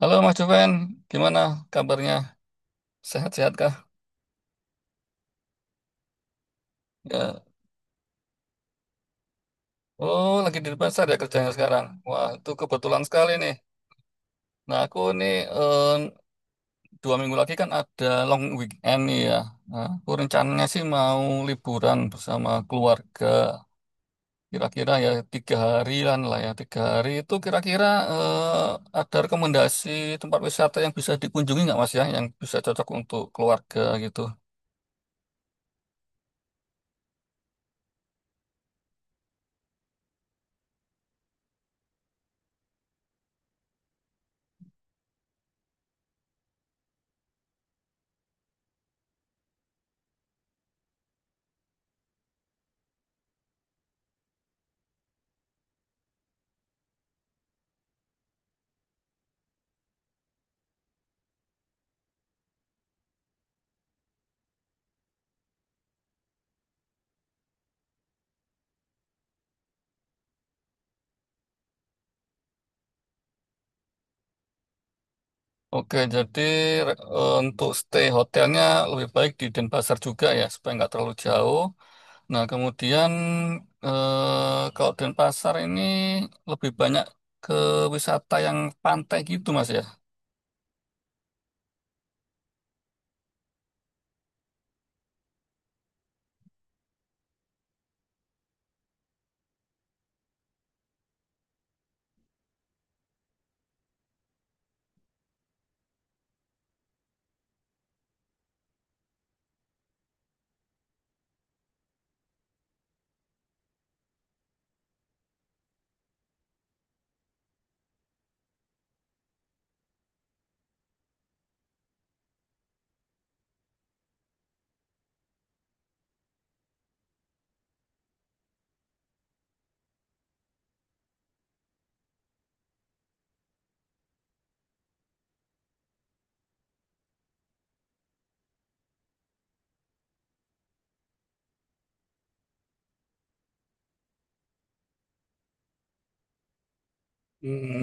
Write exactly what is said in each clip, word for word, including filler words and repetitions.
Halo Mas Juven, gimana kabarnya? Sehat-sehat kah? Ya. Oh, lagi di pasar ya kerjanya sekarang. Wah, itu kebetulan sekali nih. Nah, aku nih eh, dua minggu lagi kan ada long weekend nih ya. Nah, aku rencananya sih mau liburan bersama keluarga. Kira-kira ya tiga harian lah ya. Tiga hari itu kira-kira eh, ada rekomendasi tempat wisata yang bisa dikunjungi nggak Mas ya? Yang bisa cocok untuk keluarga gitu. Oke, jadi eh, untuk stay hotelnya lebih baik di Denpasar juga ya, supaya nggak terlalu jauh. Nah, kemudian eh, kalau Denpasar ini lebih banyak ke wisata yang pantai gitu, Mas ya.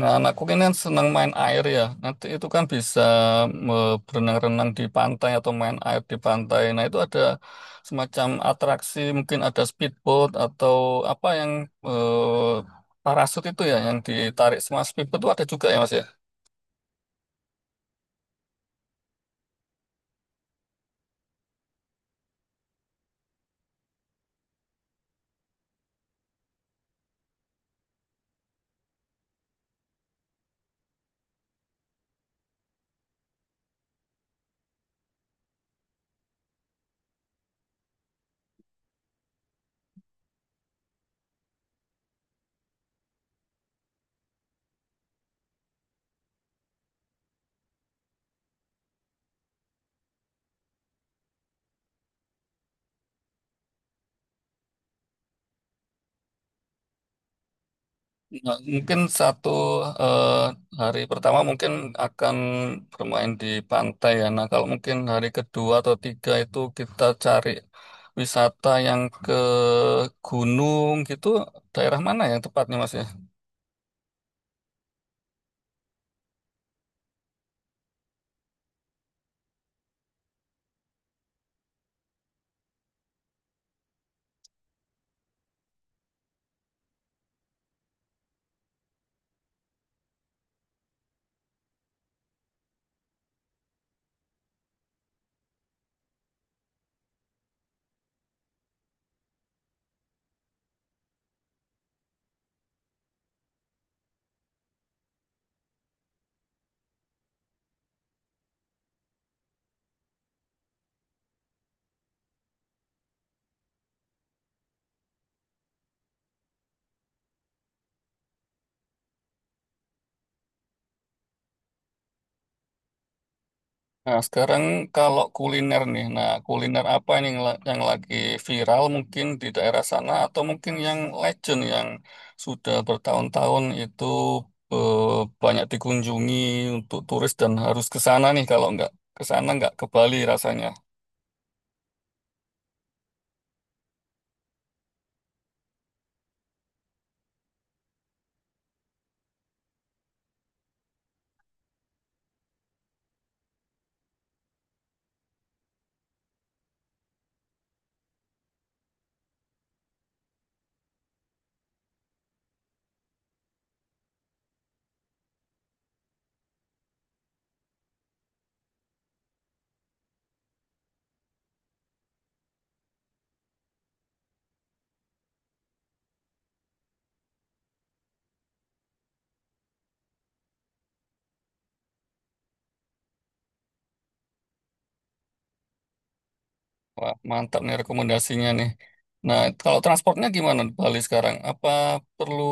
Nah, anakku ini kan senang main air ya. Nanti itu kan bisa me- berenang-renang di pantai atau main air di pantai. Nah, itu ada semacam atraksi, mungkin ada speedboat atau apa yang eh, parasut itu ya, yang ditarik semua speedboat itu ada juga ya, Mas ya. Nah, mungkin satu eh, hari pertama mungkin akan bermain di pantai ya. Nah, kalau mungkin hari kedua atau tiga itu kita cari wisata yang ke gunung gitu, daerah mana yang tepatnya Mas ya? Nah, sekarang kalau kuliner nih, nah kuliner apa nih yang, la- yang lagi viral mungkin di daerah sana atau mungkin yang legend yang sudah bertahun-tahun itu eh, banyak dikunjungi untuk turis dan harus ke sana nih kalau nggak ke sana nggak ke Bali rasanya. Wah, mantap nih rekomendasinya nih. Nah, kalau transportnya gimana di Bali sekarang? Apa perlu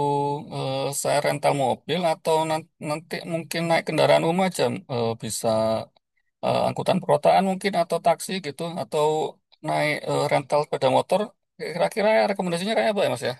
eh, saya rental mobil atau nan- nanti mungkin naik kendaraan umum aja eh, bisa eh, angkutan perkotaan mungkin atau taksi gitu atau naik eh, rental sepeda motor kira-kira rekomendasinya kayak apa ya Mas ya?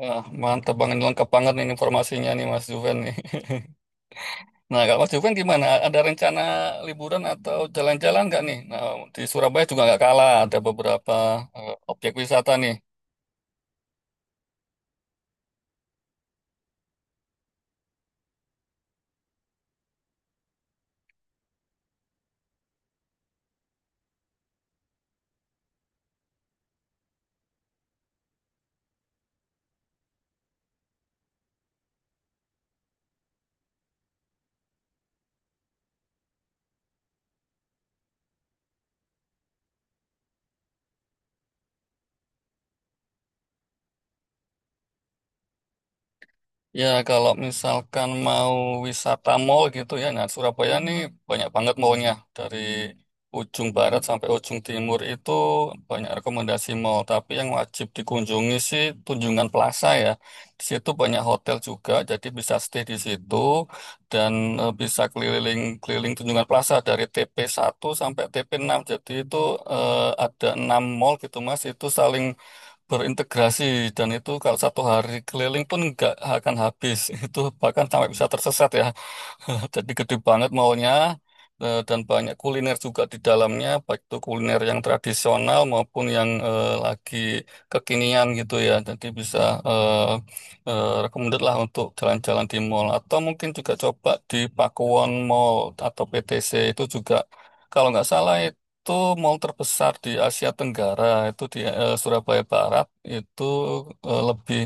Wah, mantap banget lengkap banget nih informasinya nih Mas Juven nih. Nah, kalau Mas Juven gimana? Ada rencana liburan atau jalan-jalan nggak nih? Nah, di Surabaya juga nggak kalah ada beberapa eh, objek wisata nih. Ya, kalau misalkan mau wisata mall gitu ya, nah Surabaya nih banyak banget mallnya. Dari ujung barat sampai ujung timur itu banyak rekomendasi mall. Tapi yang wajib dikunjungi sih Tunjungan Plaza ya. Di situ banyak hotel juga, jadi bisa stay di situ dan eh, bisa keliling-keliling Tunjungan Plaza dari tp satu sampai tp enam. Jadi itu eh, ada enam mall gitu Mas, itu saling berintegrasi dan itu kalau satu hari keliling pun nggak akan habis itu bahkan sampai bisa tersesat ya jadi gede banget maunya eh, dan banyak kuliner juga di dalamnya baik itu kuliner yang tradisional maupun yang eh, lagi kekinian gitu ya jadi bisa eh, eh, recommended lah untuk jalan-jalan di mall atau mungkin juga coba di Pakuwon Mall atau P T C itu juga kalau nggak salah itu mall terbesar di Asia Tenggara itu di eh, Surabaya Barat itu eh, lebih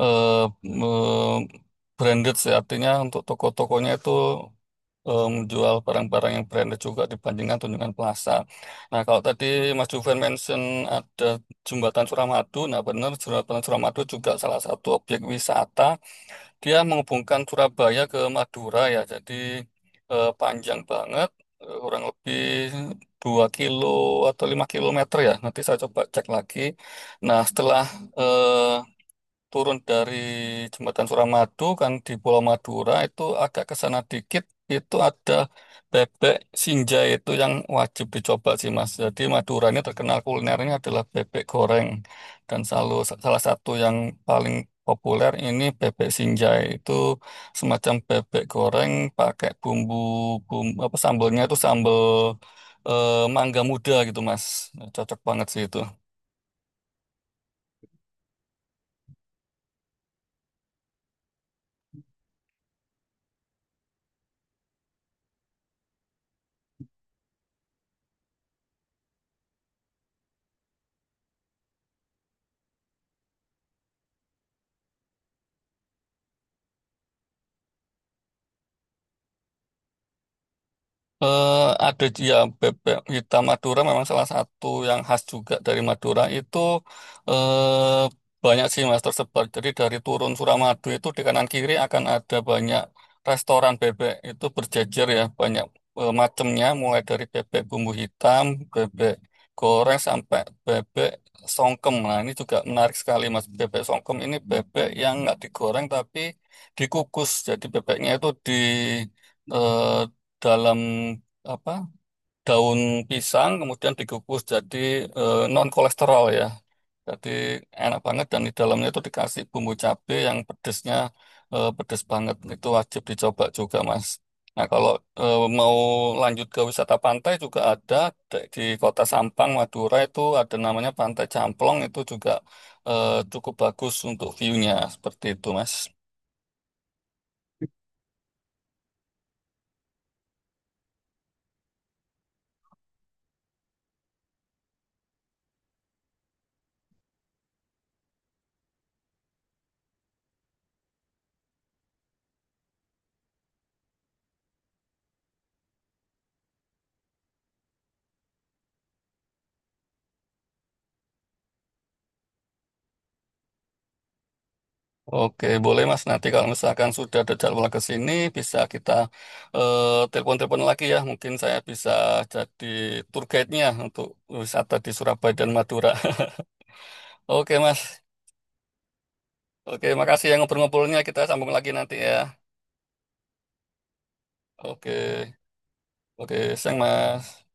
eh, me- branded sih artinya untuk toko-tokonya itu eh, menjual barang-barang yang branded juga dibandingkan Tunjungan Plaza. Nah kalau tadi Mas Juven mention ada Jembatan Suramadu, nah benar Jembatan Suramadu juga salah satu objek wisata dia menghubungkan Surabaya ke Madura ya, jadi eh, panjang banget, eh, kurang lebih dua kilo atau lima kilometer ya. Nanti saya coba cek lagi. Nah, setelah eh, turun dari jembatan Suramadu kan di Pulau Madura itu agak ke sana dikit itu ada bebek sinjai itu yang wajib dicoba sih Mas. Jadi Madura ini terkenal kulinernya adalah bebek goreng dan selalu salah satu yang paling populer ini bebek sinjai itu semacam bebek goreng pakai bumbu bumbu apa sambalnya itu sambal eh, mangga muda gitu Mas. Cocok banget sih itu. Eh, ada ya bebek hitam Madura memang salah satu yang khas juga dari Madura itu eh, banyak sih mas tersebar. Jadi dari turun Suramadu itu di kanan kiri akan ada banyak restoran bebek itu berjejer ya banyak eh, macamnya mulai dari bebek bumbu hitam, bebek goreng sampai bebek songkem. Nah ini juga menarik sekali mas bebek songkem ini bebek yang nggak digoreng tapi dikukus. Jadi bebeknya itu di eh, dalam apa daun pisang kemudian dikukus jadi non kolesterol ya. Jadi enak banget dan di dalamnya itu dikasih bumbu cabe yang pedesnya eh, pedes banget. Itu wajib dicoba juga, Mas. Nah, kalau eh, mau lanjut ke wisata pantai juga ada Da- di Kota Sampang, Madura itu ada namanya Pantai Camplong itu juga eh, cukup bagus untuk view-nya seperti itu, Mas. Oke, boleh Mas. Nanti kalau misalkan sudah ada jadwal ke sini, bisa kita eh, telepon-telepon lagi ya. Mungkin saya bisa jadi tour guide-nya untuk wisata di Surabaya dan Madura. Oke, Mas. Oke, makasih ya ngobrol-ngobrolnya. Kita sambung lagi nanti ya. Oke, oke, sayang Mas.